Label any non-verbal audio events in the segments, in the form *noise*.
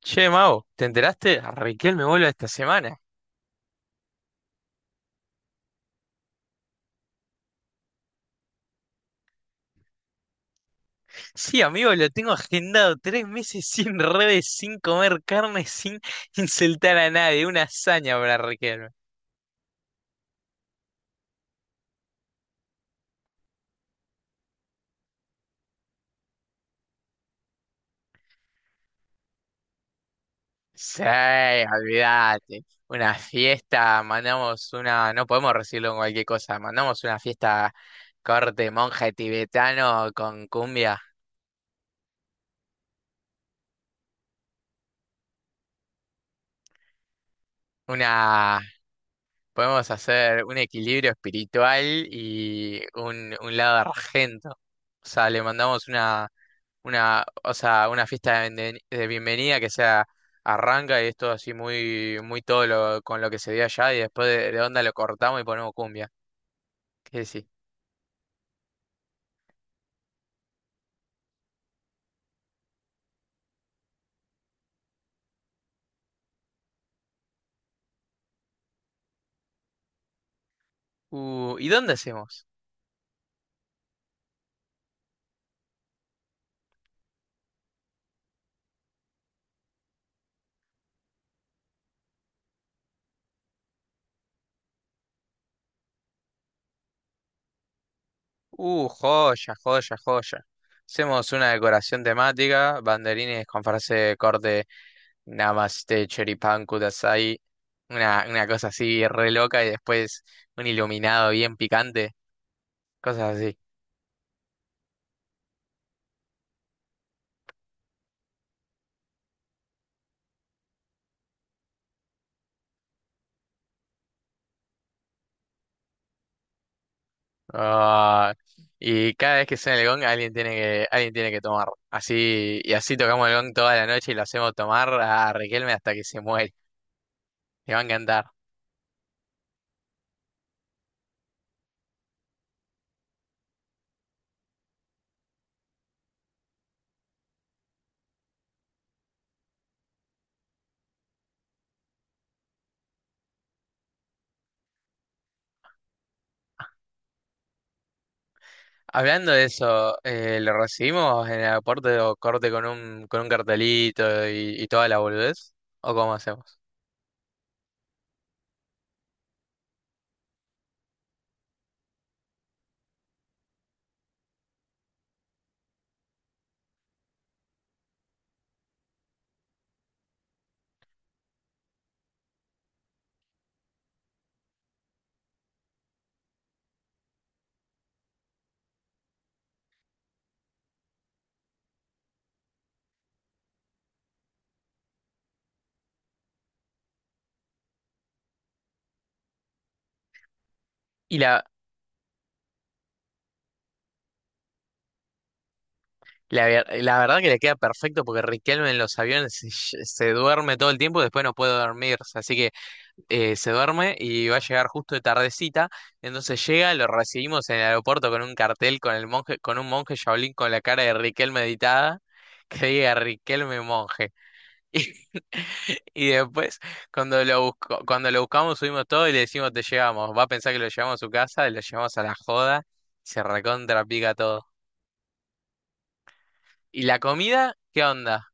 Che, Mau, ¿te enteraste? Raquel me vuelve esta semana. Sí, amigo, lo tengo agendado 3 meses sin redes, sin comer carne, sin *laughs* insultar a nadie. Una hazaña para Raquel. Sí, olvídate. Una fiesta, mandamos una. No podemos recibirlo con cualquier cosa. Mandamos una fiesta corte monje tibetano con cumbia. Una. Podemos hacer un equilibrio espiritual y un lado argento. O sea, le mandamos una, o sea, una fiesta de bienvenida que sea arranca y es todo así muy, muy todo lo, con lo que se dio allá y después de onda lo cortamos y ponemos cumbia. ¿Qué decís? ¿Y dónde hacemos? Joya, joya, joya. Hacemos una decoración temática, banderines con frase de corte Namaste Choripán Kudasai, una cosa así re loca y después un iluminado bien picante, cosas así. Ah, y cada vez que suena el gong, alguien tiene que tomar. Así, y así tocamos el gong toda la noche y lo hacemos tomar a Riquelme hasta que se muere. Le va a encantar. Hablando de eso, lo recibimos en el aeropuerto corte con un cartelito y, toda la boludez. ¿O cómo hacemos? Y la verdad que le queda perfecto porque Riquelme en los aviones *laughs* se duerme todo el tiempo y después no puede dormirse. Así que se duerme y va a llegar justo de tardecita. Entonces llega, lo recibimos en el aeropuerto con un cartel con el monje, con un monje Shaolin con la cara de Riquelme meditada, *laughs* que diga Riquelme monje. *laughs* Y, y después, cuando lo buscamos, subimos todo y le decimos te llevamos. Va a pensar que lo llevamos a su casa, lo llevamos a la joda, y se recontra pica todo. ¿Y la comida? ¿Qué onda?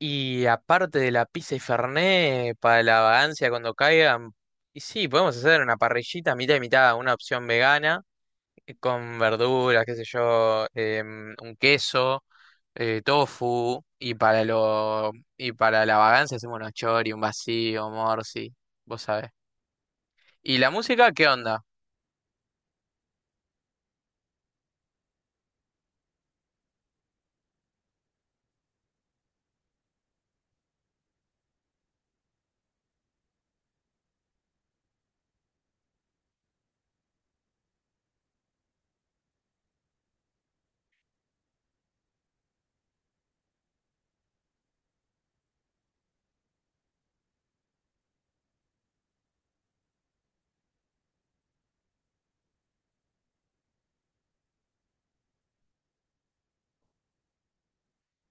Y aparte de la pizza y fernet, para la vagancia cuando caigan, y sí, podemos hacer una parrillita mitad y mitad, una opción vegana, con verduras, qué sé yo, un queso, tofu, y para lo, y para la vagancia hacemos unos chori, un vacío, morsi, vos sabés. ¿Y la música qué onda?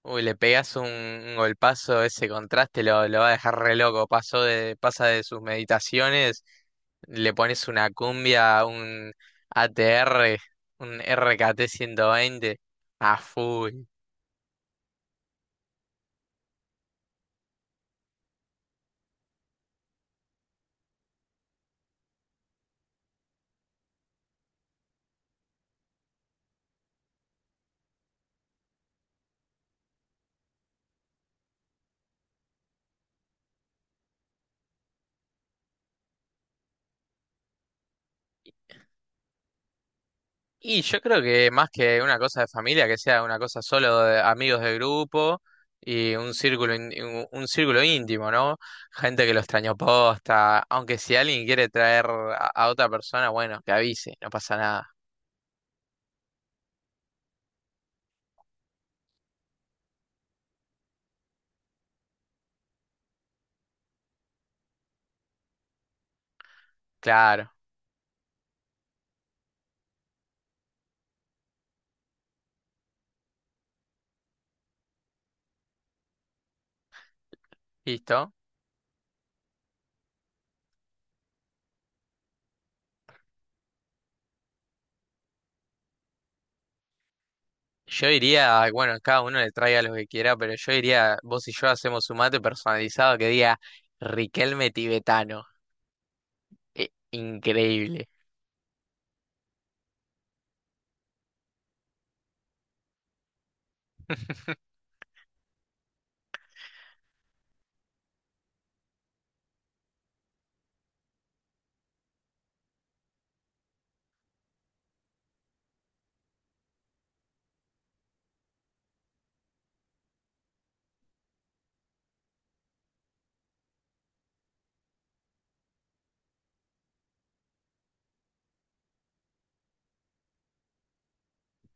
Uy, le pegas un golpazo, ese contraste lo va a dejar re loco. Pasa de sus meditaciones, le pones una cumbia, un ATR un RKT 120 a full. Y yo creo que más que una cosa de familia, que sea una cosa solo de amigos de grupo y un círculo íntimo, ¿no? Gente que lo extrañó posta. Aunque si alguien quiere traer a otra persona, bueno, que avise, no pasa nada. Claro, listo. Yo diría, bueno, cada uno le traiga lo que quiera, pero yo diría, vos y yo hacemos un mate personalizado que diga Riquelme tibetano. Increíble. *laughs*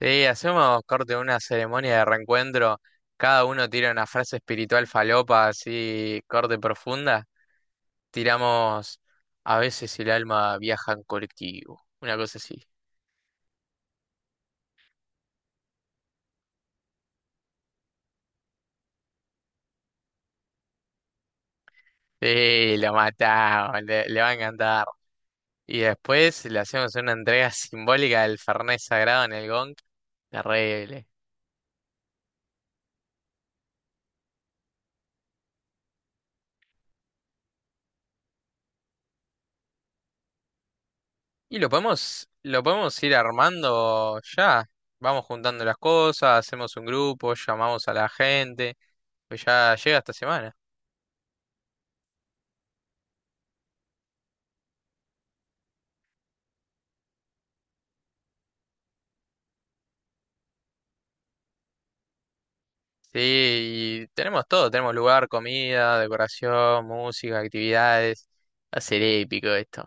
Sí, hacemos corte una ceremonia de reencuentro. Cada uno tira una frase espiritual falopa, así, corte profunda. Tiramos, a veces el alma viaja en colectivo. Una cosa así. Sí, lo matamos, le va a encantar. Y después le hacemos una entrega *laughs* simbólica del Fernet Sagrado en el Gong. Terrible. Y lo podemos ir armando ya. Vamos juntando las cosas, hacemos un grupo, llamamos a la gente, pues ya llega esta semana. Sí, y tenemos todo, tenemos lugar, comida, decoración, música, actividades. Va a ser épico esto.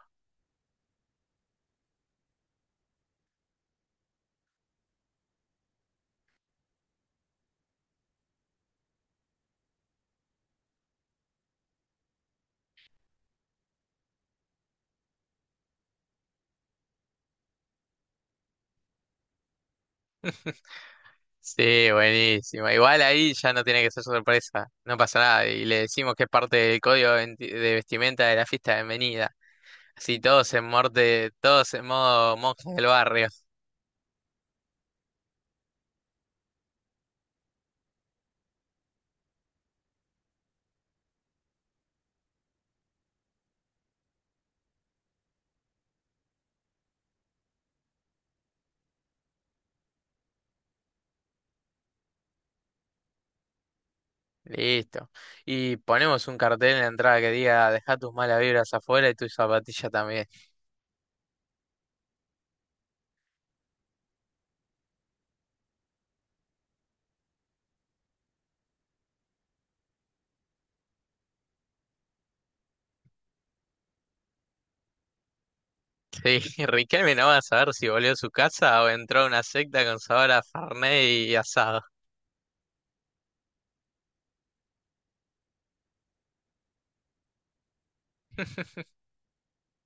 Sí, buenísimo. Igual ahí ya no tiene que ser sorpresa, no pasa nada. Y le decimos que es parte del código de vestimenta de la fiesta de bienvenida. Sí, todos en morte, todos en modo monje del barrio. Listo. Y ponemos un cartel en la entrada que diga, deja tus malas vibras afuera y tus zapatillas también. Sí, *laughs* Riquelme no va a saber si volvió a su casa o entró a una secta con sabor a Fernet y asado.